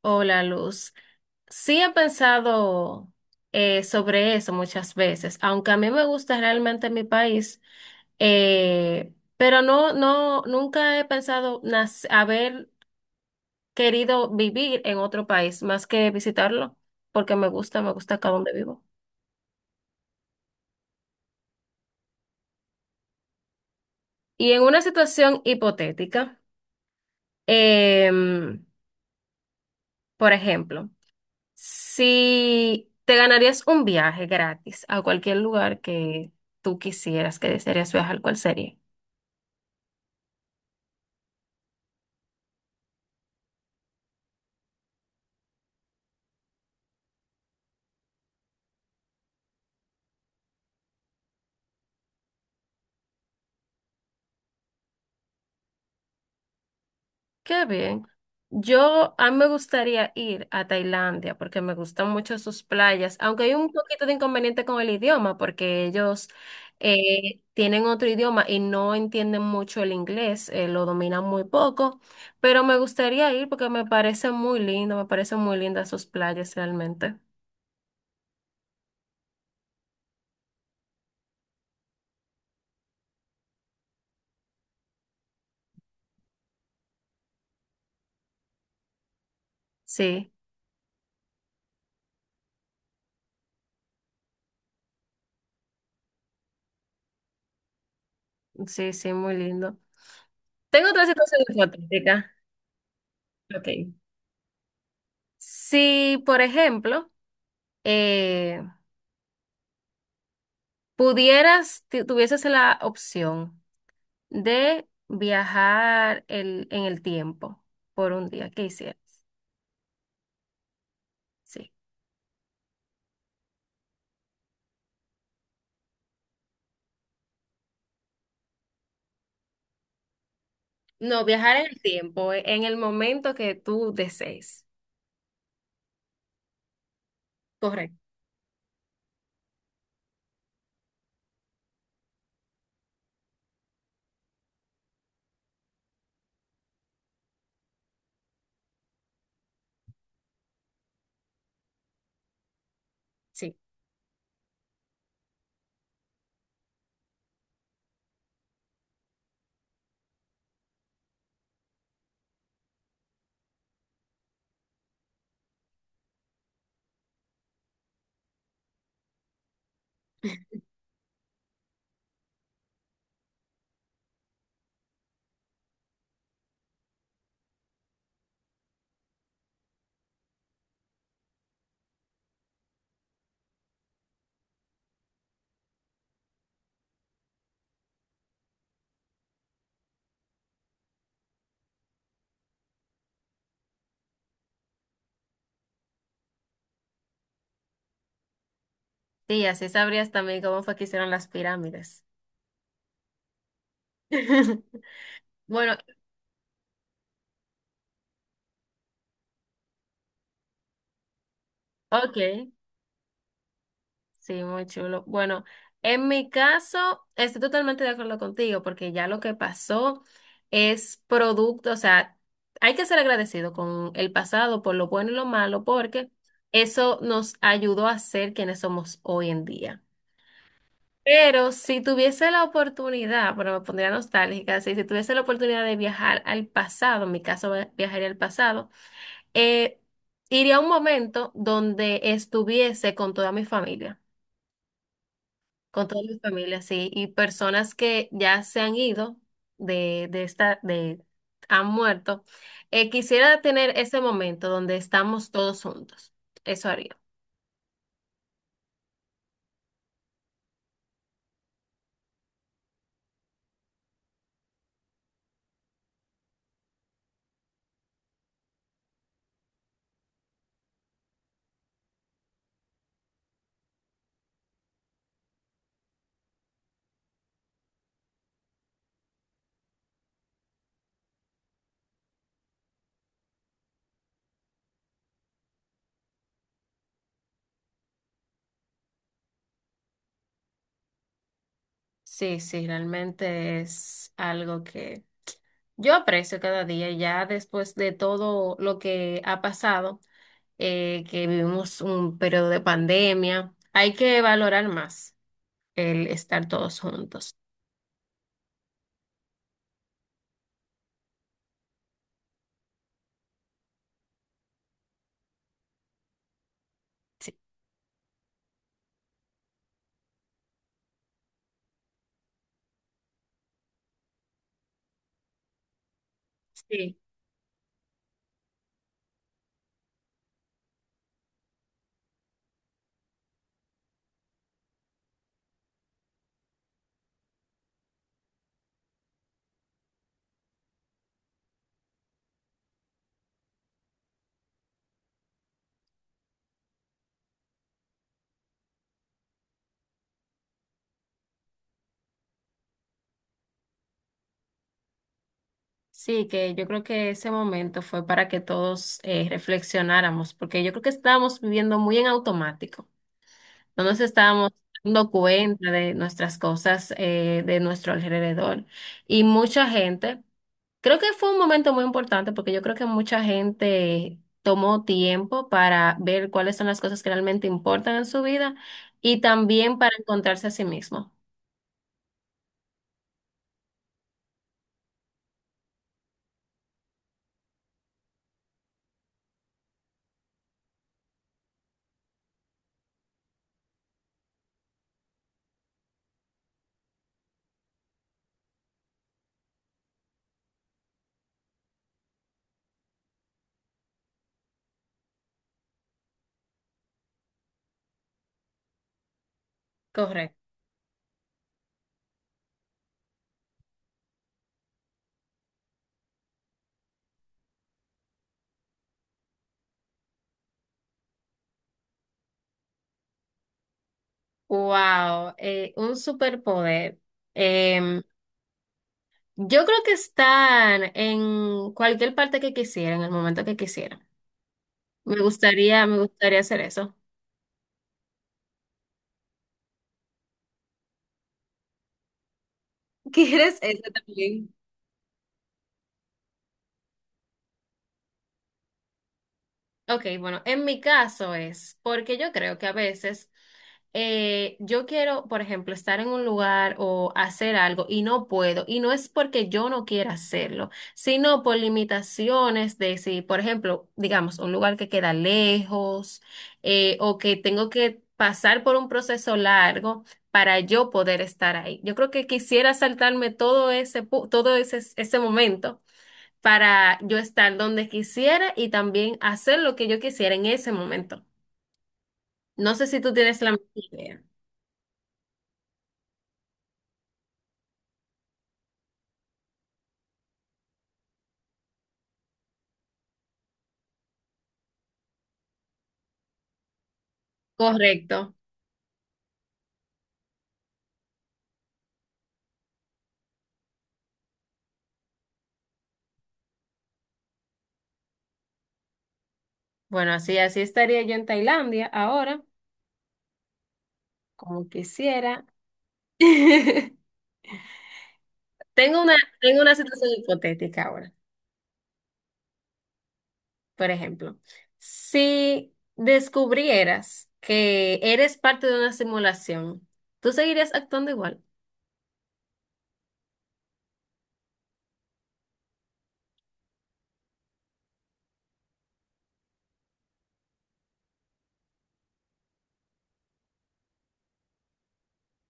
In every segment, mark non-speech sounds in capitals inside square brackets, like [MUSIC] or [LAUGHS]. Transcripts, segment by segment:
Hola, Luz. Sí he pensado sobre eso muchas veces, aunque a mí me gusta realmente mi país, pero nunca he pensado haber querido vivir en otro país más que visitarlo, porque me gusta acá donde vivo. Y en una situación hipotética, em, por ejemplo. Si te ganarías un viaje gratis a cualquier lugar que tú quisieras, que desearías viajar, ¿cuál sería? Qué bien. Yo, a mí me gustaría ir a Tailandia porque me gustan mucho sus playas, aunque hay un poquito de inconveniente con el idioma porque ellos tienen otro idioma y no entienden mucho el inglés, lo dominan muy poco, pero me gustaría ir porque me parece muy lindo, me parecen muy lindas sus playas realmente. Sí, sí, sí, muy lindo. Tengo otra situación hipotética. Ok. Si, por ejemplo, eh, pudieras, tuvieses la opción de viajar en el tiempo por un día, ¿qué hicieras? Sí. No, viajar en el tiempo, en el momento que tú desees. Correcto, sí. Sí, así sabrías también cómo fue que hicieron las pirámides. [LAUGHS] Bueno, ok. Sí, muy chulo. Bueno, en mi caso, estoy totalmente de acuerdo contigo porque ya lo que pasó es producto, o sea, hay que ser agradecido con el pasado por lo bueno y lo malo porque eso nos ayudó a ser quienes somos hoy en día. Pero si tuviese la oportunidad, bueno, me pondría nostálgica, sí, si tuviese la oportunidad de viajar al pasado, en mi caso viajaría al pasado, eh, iría a un momento donde estuviese con toda mi familia. Con todas mi familias sí. Y personas que ya se han ido de, de esta, de, han muerto. Quisiera tener ese momento donde estamos todos juntos. Eso haría. Sí, sí, realmente es algo que yo aprecio cada día, ya después de todo lo que ha pasado, que vivimos un periodo de pandemia, hay que valorar más el estar todos juntos. Sí, sí. Sí, que yo creo que ese momento fue para que todos reflexionáramos, porque yo creo que estábamos viviendo muy en automático. No nos estábamos dando cuenta de nuestras cosas, de nuestro alrededor. Y mucha gente, creo que fue un momento muy importante, porque yo creo que mucha gente tomó tiempo para ver cuáles son las cosas que realmente importan en su vida y también para encontrarse a sí mismo. Correcto. Wow, un superpoder. Yo creo que están en cualquier parte que quisiera, en el momento que quisiera. Me gustaría hacer eso. [LAUGHS] ¿Quieres eso también? Ok, bueno, en mi caso es porque yo creo que a veces yo quiero, por ejemplo, estar en un lugar o hacer algo y no puedo, y no es porque yo no quiera hacerlo, sino por limitaciones de si, por ejemplo, digamos, un lugar que queda lejos o que tengo que pasar por un proceso largo para yo poder estar ahí. Yo creo que quisiera saltarme todo ese, ese momento para yo estar donde quisiera y también hacer lo que yo quisiera en ese momento. No sé si tú tienes la misma idea. Correcto. Bueno, así, así estaría yo en Tailandia ahora, como quisiera. [LAUGHS] Tengo una, tengo una situación hipotética ahora. Por ejemplo, si descubrieras que eres parte de una simulación, ¿tú seguirías actuando igual?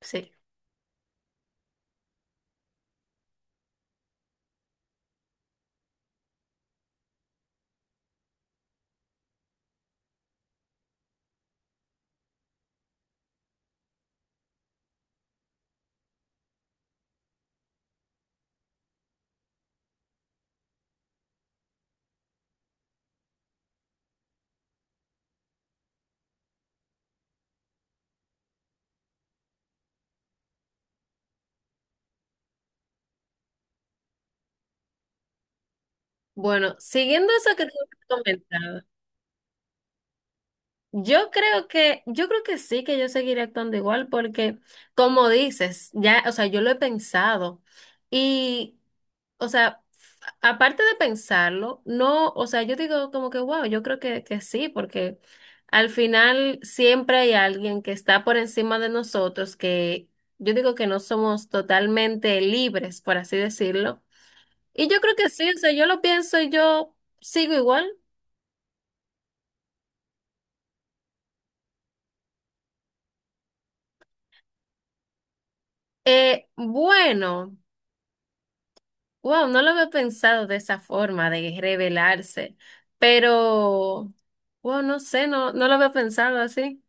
Sí. Bueno, siguiendo eso que tú has comentado, yo creo que sí, que yo seguiré actuando igual porque, como dices, ya, o sea, yo lo he pensado. Y o sea, aparte de pensarlo, no, o sea, yo digo como que, wow, que sí, porque al final siempre hay alguien que está por encima de nosotros, que yo digo que no somos totalmente libres, por así decirlo. Y yo creo que sí, o sea, yo lo pienso y yo sigo igual. Bueno, wow, no lo había pensado de esa forma, de revelarse, pero, wow, no sé, no lo había pensado así.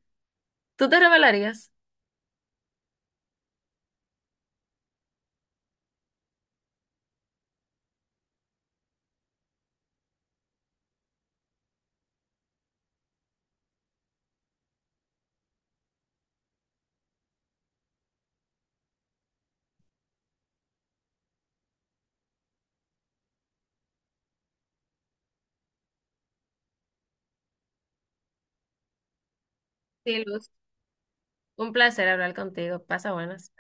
¿Tú te revelarías? Sí, Luz. Un placer hablar contigo. Pasa buenas.